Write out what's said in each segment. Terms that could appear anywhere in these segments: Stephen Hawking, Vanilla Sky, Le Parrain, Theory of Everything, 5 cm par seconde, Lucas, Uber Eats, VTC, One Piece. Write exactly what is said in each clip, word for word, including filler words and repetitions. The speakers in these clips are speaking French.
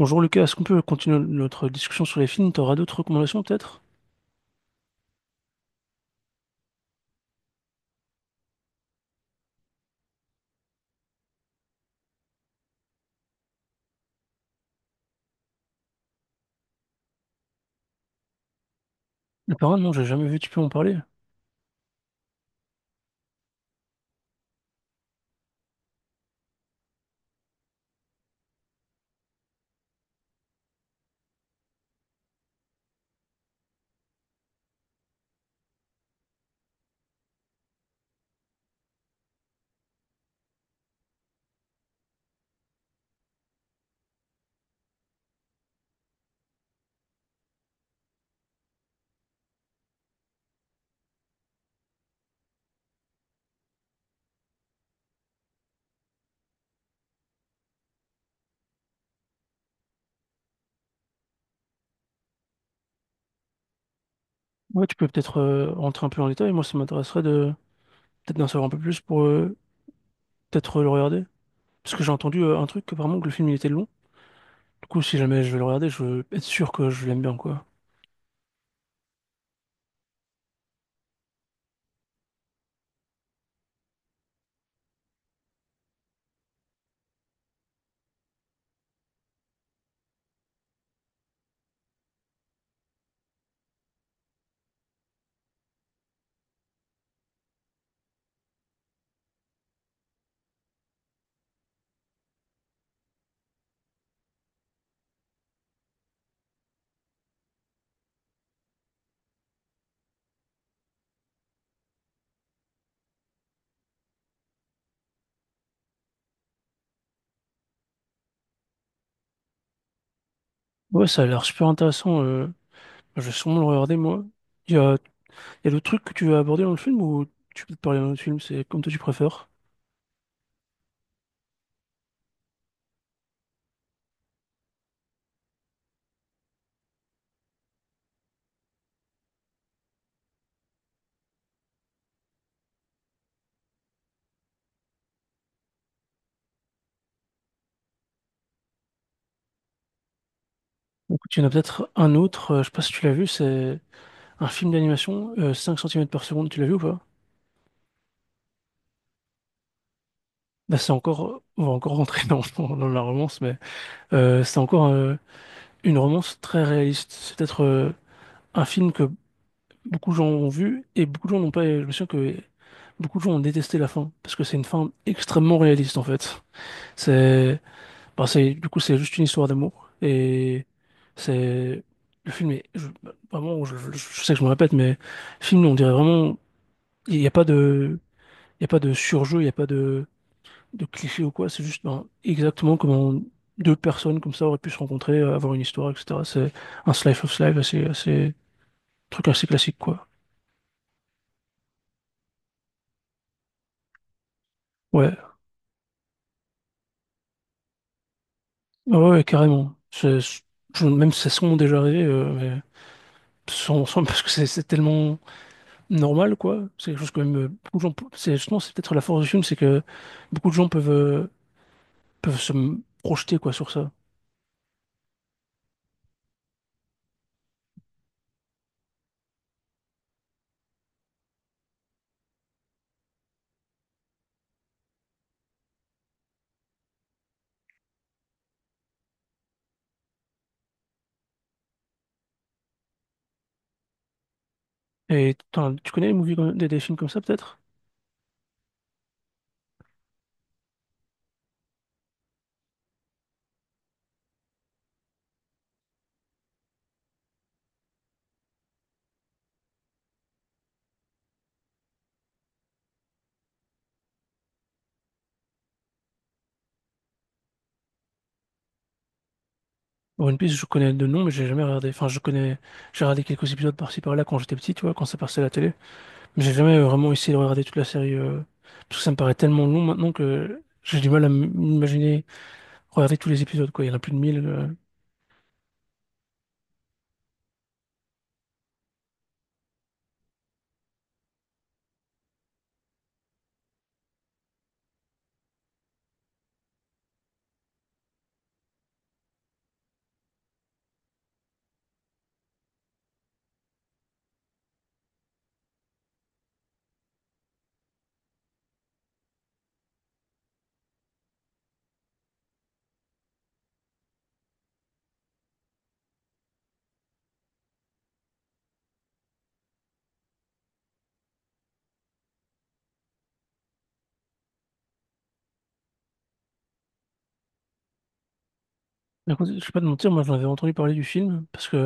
Bonjour Lucas, est-ce qu'on peut continuer notre discussion sur les films? T'auras d'autres recommandations peut-être? Le Parrain, non, j'ai jamais vu, tu peux en parler. Ouais, tu peux peut-être euh, rentrer un peu en détail. Moi, ça m'intéresserait de peut-être d'en savoir un peu plus pour euh, peut-être le regarder. Parce que j'ai entendu euh, un truc, apparemment, que le film il était long. Du coup, si jamais je vais le regarder, je veux être sûr que je l'aime bien, quoi. Ouais, ça a l'air super intéressant. euh, Je vais sûrement le regarder, moi. Il y a, il y a d'autres trucs que tu veux aborder dans le film ou tu peux te parler d'un autre film, c'est comme toi tu préfères. Écoute, il y en a peut-être un autre, euh, je sais pas si tu l'as vu, c'est un film d'animation, euh, cinq centimètres par seconde, tu l'as vu ou pas? Bah, c'est encore, on va encore rentrer dans, dans- dans la romance, mais euh, c'est encore euh, une romance très réaliste. C'est peut-être euh, un film que beaucoup de gens ont vu et beaucoup de gens n'ont pas. Je me souviens que beaucoup de gens ont détesté la fin parce que c'est une fin extrêmement réaliste en fait. C'est, bah, c'est, du coup, c'est juste une histoire d'amour et c'est le film est je- vraiment. Je, je- je sais que je me répète, mais le film, on dirait vraiment, il n'y a pas de, il y a pas de surjeu, il n'y a pas de de clichés ou quoi, c'est juste ben, exactement comment deux personnes comme ça auraient pu se rencontrer, euh, avoir une histoire, et cetera. C'est un slice of life assez, assez, truc assez classique, quoi. Ouais, ah ouais, ouais, carrément. C'est- c'est- je- même si ça sont déjà arrivé, euh, mais sans, sans- parce que c'est c'est tellement normal, quoi. C'est quelque chose que même euh, beaucoup de gens, pou- c'est justement, c'est peut-être la force du film, c'est que beaucoup de gens peuvent, euh, peuvent se m- projeter, quoi, sur ça. Et t'en- tu connais les movies comme- des, des films comme ça, peut-être? One Piece, je connais de nom, mais j'ai jamais regardé. Enfin, je connais, j'ai regardé quelques épisodes par-ci par-là quand j'étais petit, tu vois, quand ça passait à la télé. Mais j'ai jamais vraiment essayé de regarder toute la série, euh, parce que ça me paraît tellement long maintenant que j'ai du mal à m'imaginer regarder tous les épisodes, quoi. Il y en a plus de mille. Euh. Mais écoute, je vais pas te mentir, moi, j'en avais entendu parler du film, parce que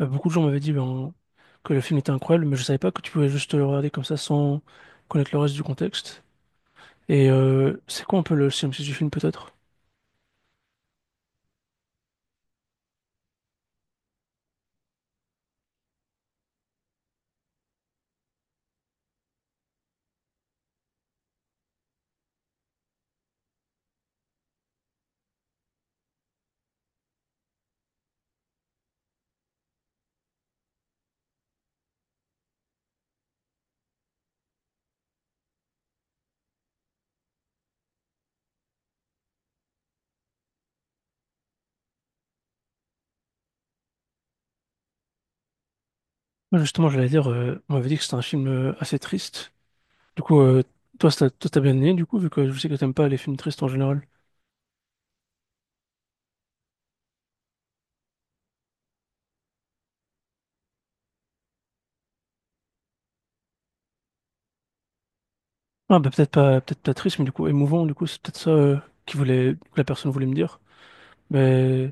euh, beaucoup de gens m'avaient dit ben, que le film était incroyable, mais je savais pas que tu pouvais juste le regarder comme ça sans connaître le reste du contexte. Et euh, c'est quoi un peu le synopsis du film, peut-être? Moi, justement, j'allais dire, euh, on m'avait dit que c'était un film euh, assez triste. Du coup, euh, toi, ça- toi, t'as bien aimé, du coup, vu que je sais que t'aimes pas les films tristes en général. Ah, bah, peut-être pas, peut-être pas triste, mais du coup, émouvant, du coup, c'est peut-être ça euh, qui voulait, que la personne voulait me dire. Mais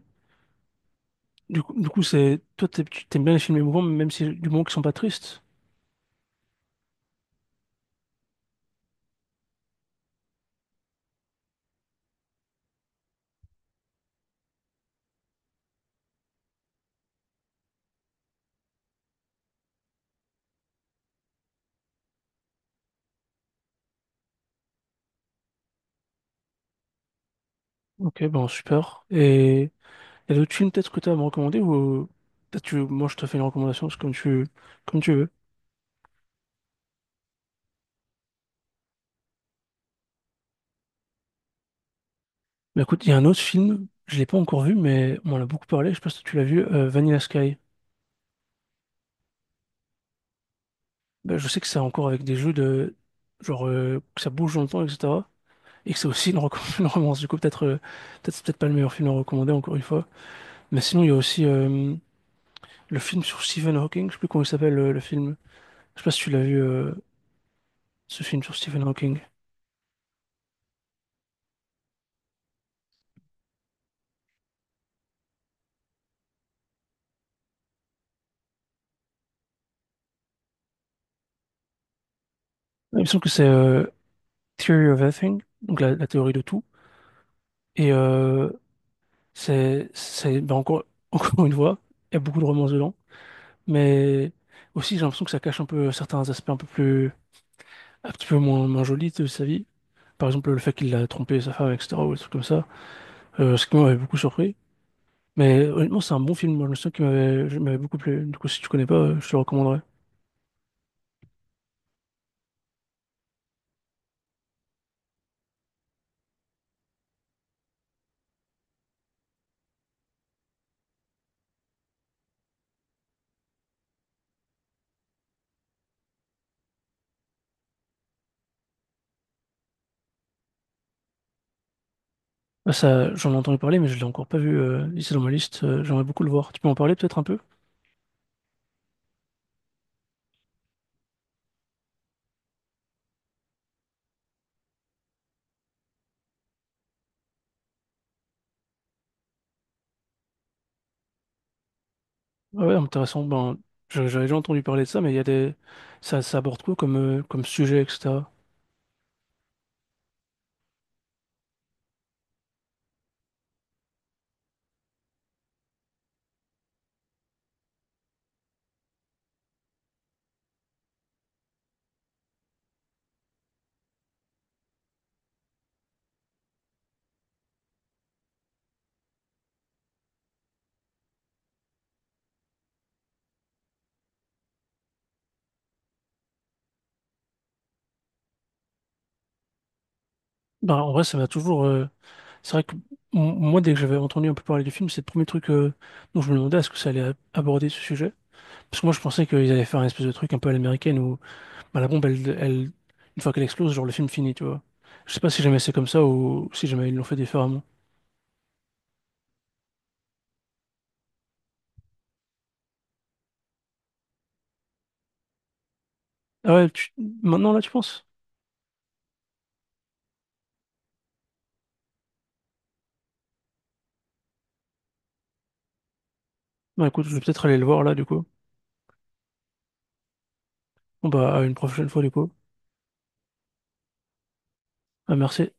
du coup, du coup, c'est, toi, t'aimes tu- t'aimes bien les films émouvants, même si du moment qu'ils sont pas tristes. Ok, bon, super. Et il y a d'autres films peut-être que t'as à me recommander ou peut-être tu, moi, je te fais une recommandation, c'est comme tu, comme tu veux. Bah, écoute, il y a un autre film, je l'ai pas encore vu, mais on en a beaucoup parlé, je sais pas si tu l'as vu, euh, Vanilla Sky. Ben, je sais que c'est encore avec des jeux de genre euh, que ça bouge dans le temps, et cetera. Et que c'est aussi une, reco- une romance. Du coup, peut-être euh, peut-être c'est peut-être pas le meilleur film à recommander encore une fois. Mais sinon, il y a aussi euh, le film sur Stephen Hawking. Je sais plus comment il s'appelle euh, le film. Je sais pas si tu l'as vu euh, ce film sur Stephen Hawking. Il me semble que c'est euh, Theory of Everything, donc la, la théorie de tout. Et euh, c'est c'est ben, encore encore une fois, il y a beaucoup de romance dedans. Mais aussi, j'ai l'impression que ça cache un peu certains aspects un peu plus un petit peu moins, moins jolis de sa vie. Par exemple, le fait qu'il a trompé sa femme, et cetera, ou des trucs comme ça, euh, ce qui m'avait beaucoup surpris. Mais honnêtement, c'est un bon film. Moi, je me souviens qui m'avait je- m'avait beaucoup plu. Du coup, si tu connais pas, euh, je te le recommanderais. Ah, ça, j'en ai entendu parler, mais je l'ai encore pas vu. Euh, il est dans ma liste. Euh, j'aimerais beaucoup le voir. Tu peux en parler peut-être un peu? Ah ouais, intéressant. Ben, je- j'avais déjà entendu parler de ça, mais il y a des, ça, ça aborde quoi comme, euh, comme sujet, et cetera. Bah, en vrai, ça m'a toujours. euh, C'est vrai que m- moi, dès que j'avais entendu un peu parler du film, c'est le premier truc euh, dont je me demandais est-ce que ça allait a- aborder ce sujet. Parce que moi, je pensais qu'ils allaient faire un espèce de truc un peu à l'américaine où bah, la bombe, elle, elle- une fois qu'elle explose, genre le film finit, tu vois. Je sais pas si jamais c'est comme ça ou si jamais ils l'ont fait différemment. Ah ouais, tu- maintenant là, tu penses? Bah écoute, je vais peut-être aller le voir là, du coup. Bon, bah, à une prochaine fois, du coup. Ah, merci.